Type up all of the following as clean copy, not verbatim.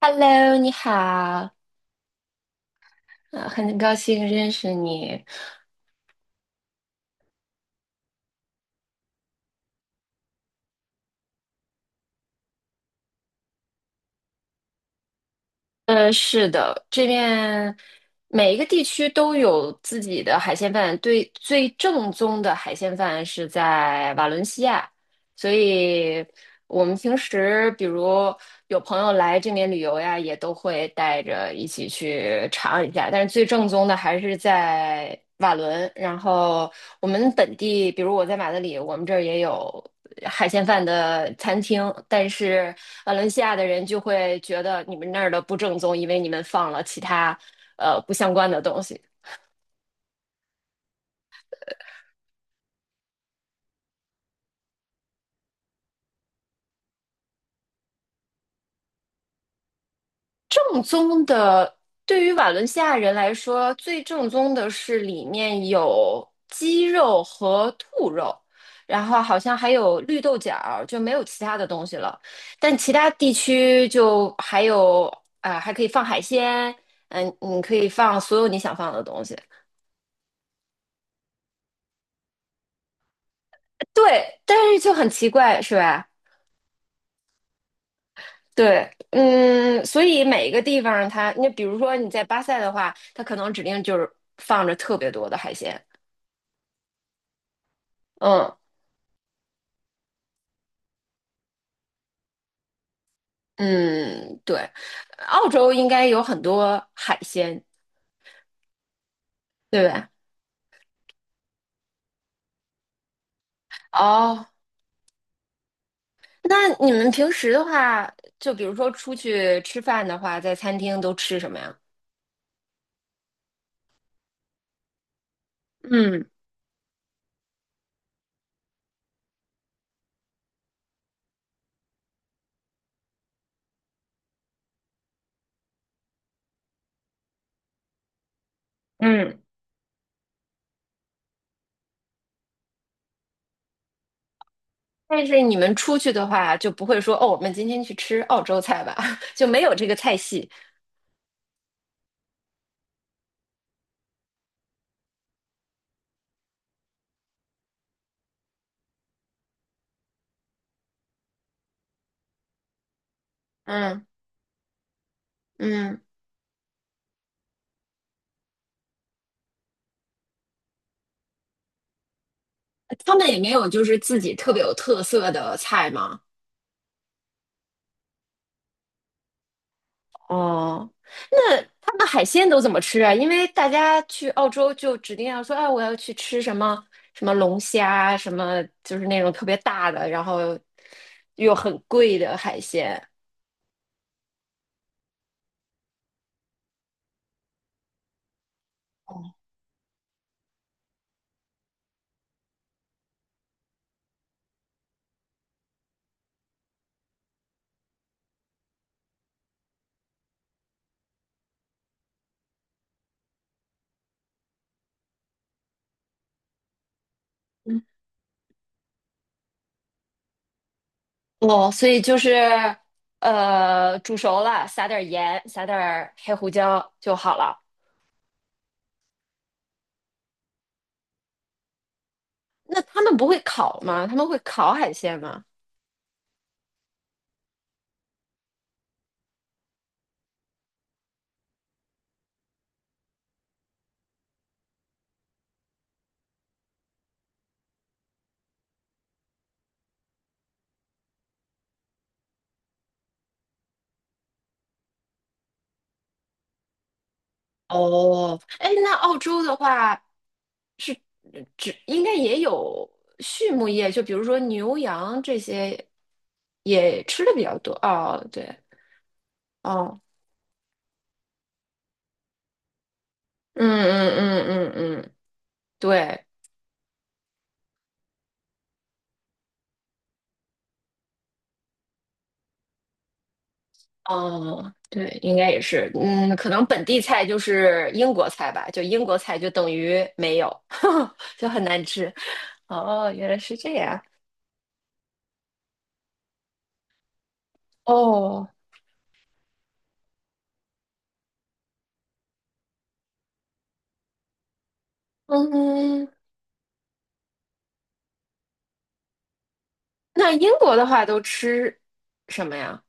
Hello，你好，很高兴认识你。是的，这边每一个地区都有自己的海鲜饭，对，最正宗的海鲜饭是在瓦伦西亚，所以我们平时比如有朋友来这边旅游呀，也都会带着一起去尝一下，但是最正宗的还是在瓦伦。然后我们本地，比如我在马德里，我们这儿也有海鲜饭的餐厅，但是。瓦伦西亚的人就会觉得你们那儿的不正宗，因为你们放了其他不相关的东西。正宗的，对于瓦伦西亚人来说，最正宗的是里面有鸡肉和兔肉，然后好像还有绿豆角儿就没有其他的东西了。但其他地区就还有啊、还可以放海鲜，你可以放所有你想放的东西。对，但是就很奇怪，是吧？对，嗯，所以每一个地方它，你比如说你在巴塞的话，它可能指定就是放着特别多的海鲜，嗯嗯，对，澳洲应该有很多海鲜，对吧？哦，那你们平时的话，就比如说出去吃饭的话，在餐厅都吃什么呀？嗯嗯，但是你们出去的话，就不会说哦，我们今天去吃澳洲菜吧，就没有这个菜系，嗯嗯。他们也没有就是自己特别有特色的菜吗？哦，那他们海鲜都怎么吃啊？因为大家去澳洲就指定要说，哎，我要去吃什么什么龙虾，什么就是那种特别大的，然后又很贵的海鲜。嗯哦，所以就是煮熟了撒点盐，撒点黑胡椒就好了。那他们不会烤吗？他们会烤海鲜吗？哦，哎，那澳洲的话，是只应该也有畜牧业，就比如说牛羊这些也吃的比较多。哦，对，哦，嗯嗯嗯嗯嗯，对，哦，对，应该也是，嗯，可能本地菜就是英国菜吧，就英国菜就等于没有，就很难吃。哦，原来是这样。哦，嗯，那英国的话都吃什么呀？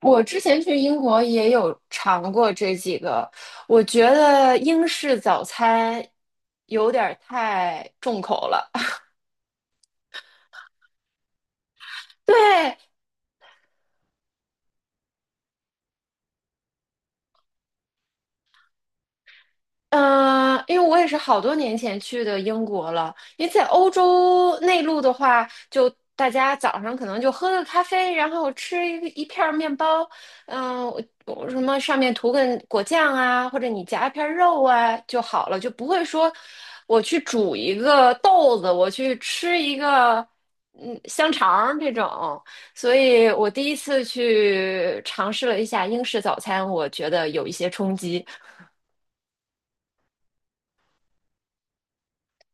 我之前去英国也有尝过这几个，我觉得英式早餐有点儿太重口了。对，嗯，因为我也是好多年前去的英国了。因为在欧洲内陆的话，就大家早上可能就喝个咖啡，然后吃一个一片儿面包，我什么上面涂个果酱啊，或者你夹一片儿肉啊就好了，就不会说我去煮一个豆子，我去吃一个香肠儿这种。所以我第一次去尝试了一下英式早餐，我觉得有一些冲击。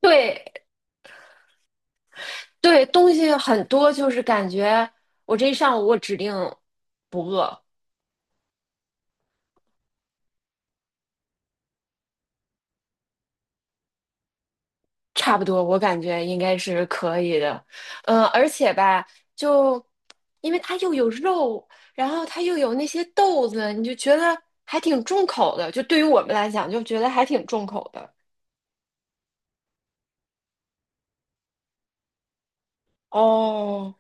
对，对，东西很多，就是感觉我这一上午我指定不饿，差不多，我感觉应该是可以的。嗯，而且吧，就因为它又有肉，然后它又有那些豆子，你就觉得还挺重口的。就对于我们来讲，就觉得还挺重口的。哦，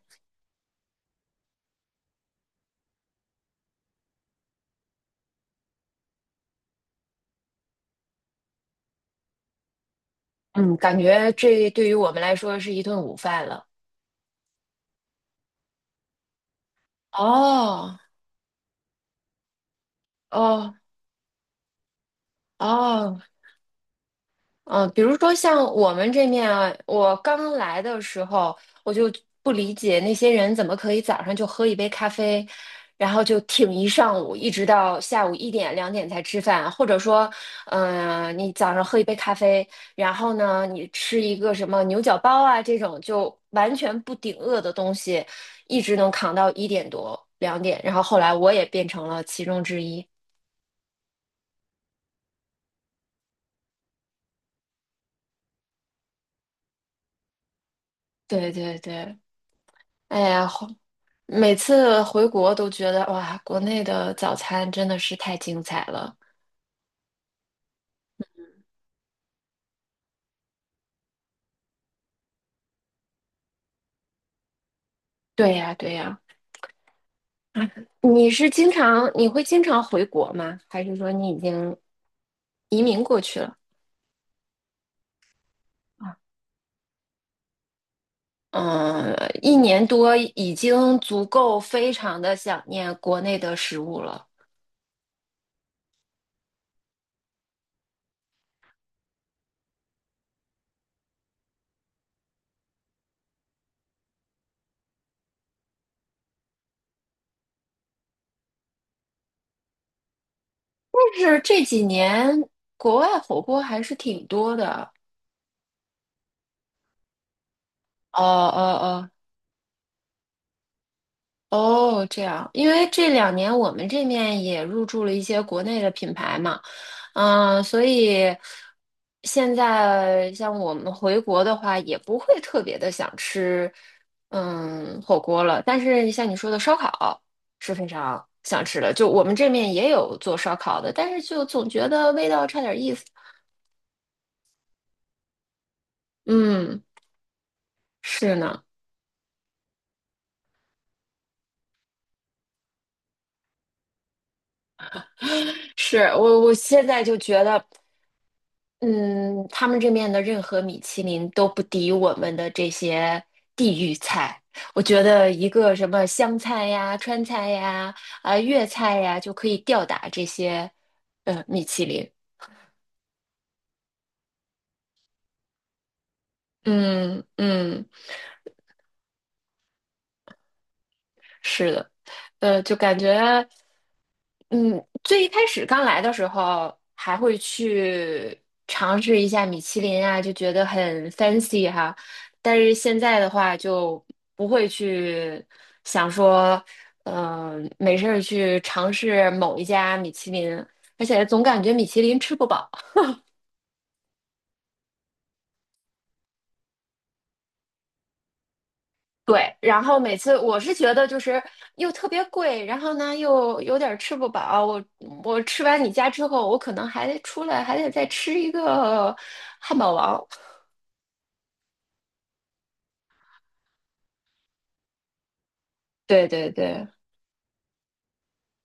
嗯，感觉这对于我们来说是一顿午饭了。哦，哦，哦，嗯，比如说像我们这面啊，我刚来的时候，我就不理解那些人怎么可以早上就喝一杯咖啡，然后就挺一上午，一直到下午1点2点才吃饭，或者说，你早上喝一杯咖啡，然后呢，你吃一个什么牛角包啊这种就完全不顶饿的东西，一直能扛到1点多2点，然后后来我也变成了其中之一。对对对，哎呀，每次回国都觉得哇，国内的早餐真的是太精彩了。对呀，对呀。啊，你是经常，你会经常回国吗？还是说你已经移民过去了？啊嗯，一年多已经足够非常的想念国内的食物了。但是这几年国外火锅还是挺多的。哦哦哦哦，这样，因为这两年我们这面也入驻了一些国内的品牌嘛，嗯，所以现在像我们回国的话，也不会特别的想吃，嗯，火锅了。但是像你说的烧烤是非常想吃的，就我们这面也有做烧烤的，但是就总觉得味道差点意思。嗯，是呢，是我现在就觉得。嗯，他们这面的任何米其林都不敌我们的这些地域菜。我觉得一个什么湘菜呀、川菜呀、啊粤菜呀，就可以吊打这些米其林。嗯嗯，是的，就感觉。嗯，最一开始刚来的时候，还会去尝试一下米其林啊，就觉得很 fancy 哈。但是现在的话，就不会去想说，没事儿去尝试某一家米其林，而且总感觉米其林吃不饱。对，然后每次我是觉得就是又特别贵，然后呢又有点儿吃不饱。我吃完你家之后，我可能还得出来，还得再吃一个汉堡王。对对对，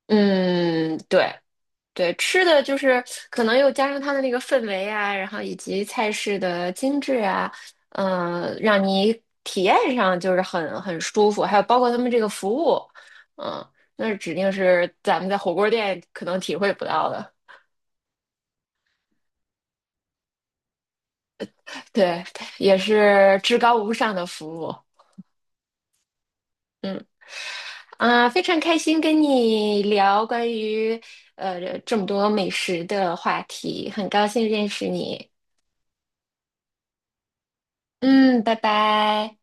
嗯，对对，吃的就是可能又加上它的那个氛围啊，然后以及菜式的精致啊，让你体验上就是很舒服，还有包括他们这个服务，嗯、那指定是咱们在火锅店可能体会不到的，对，也是至高无上的服务，嗯非常开心跟你聊关于这么多美食的话题，很高兴认识你。嗯，拜拜。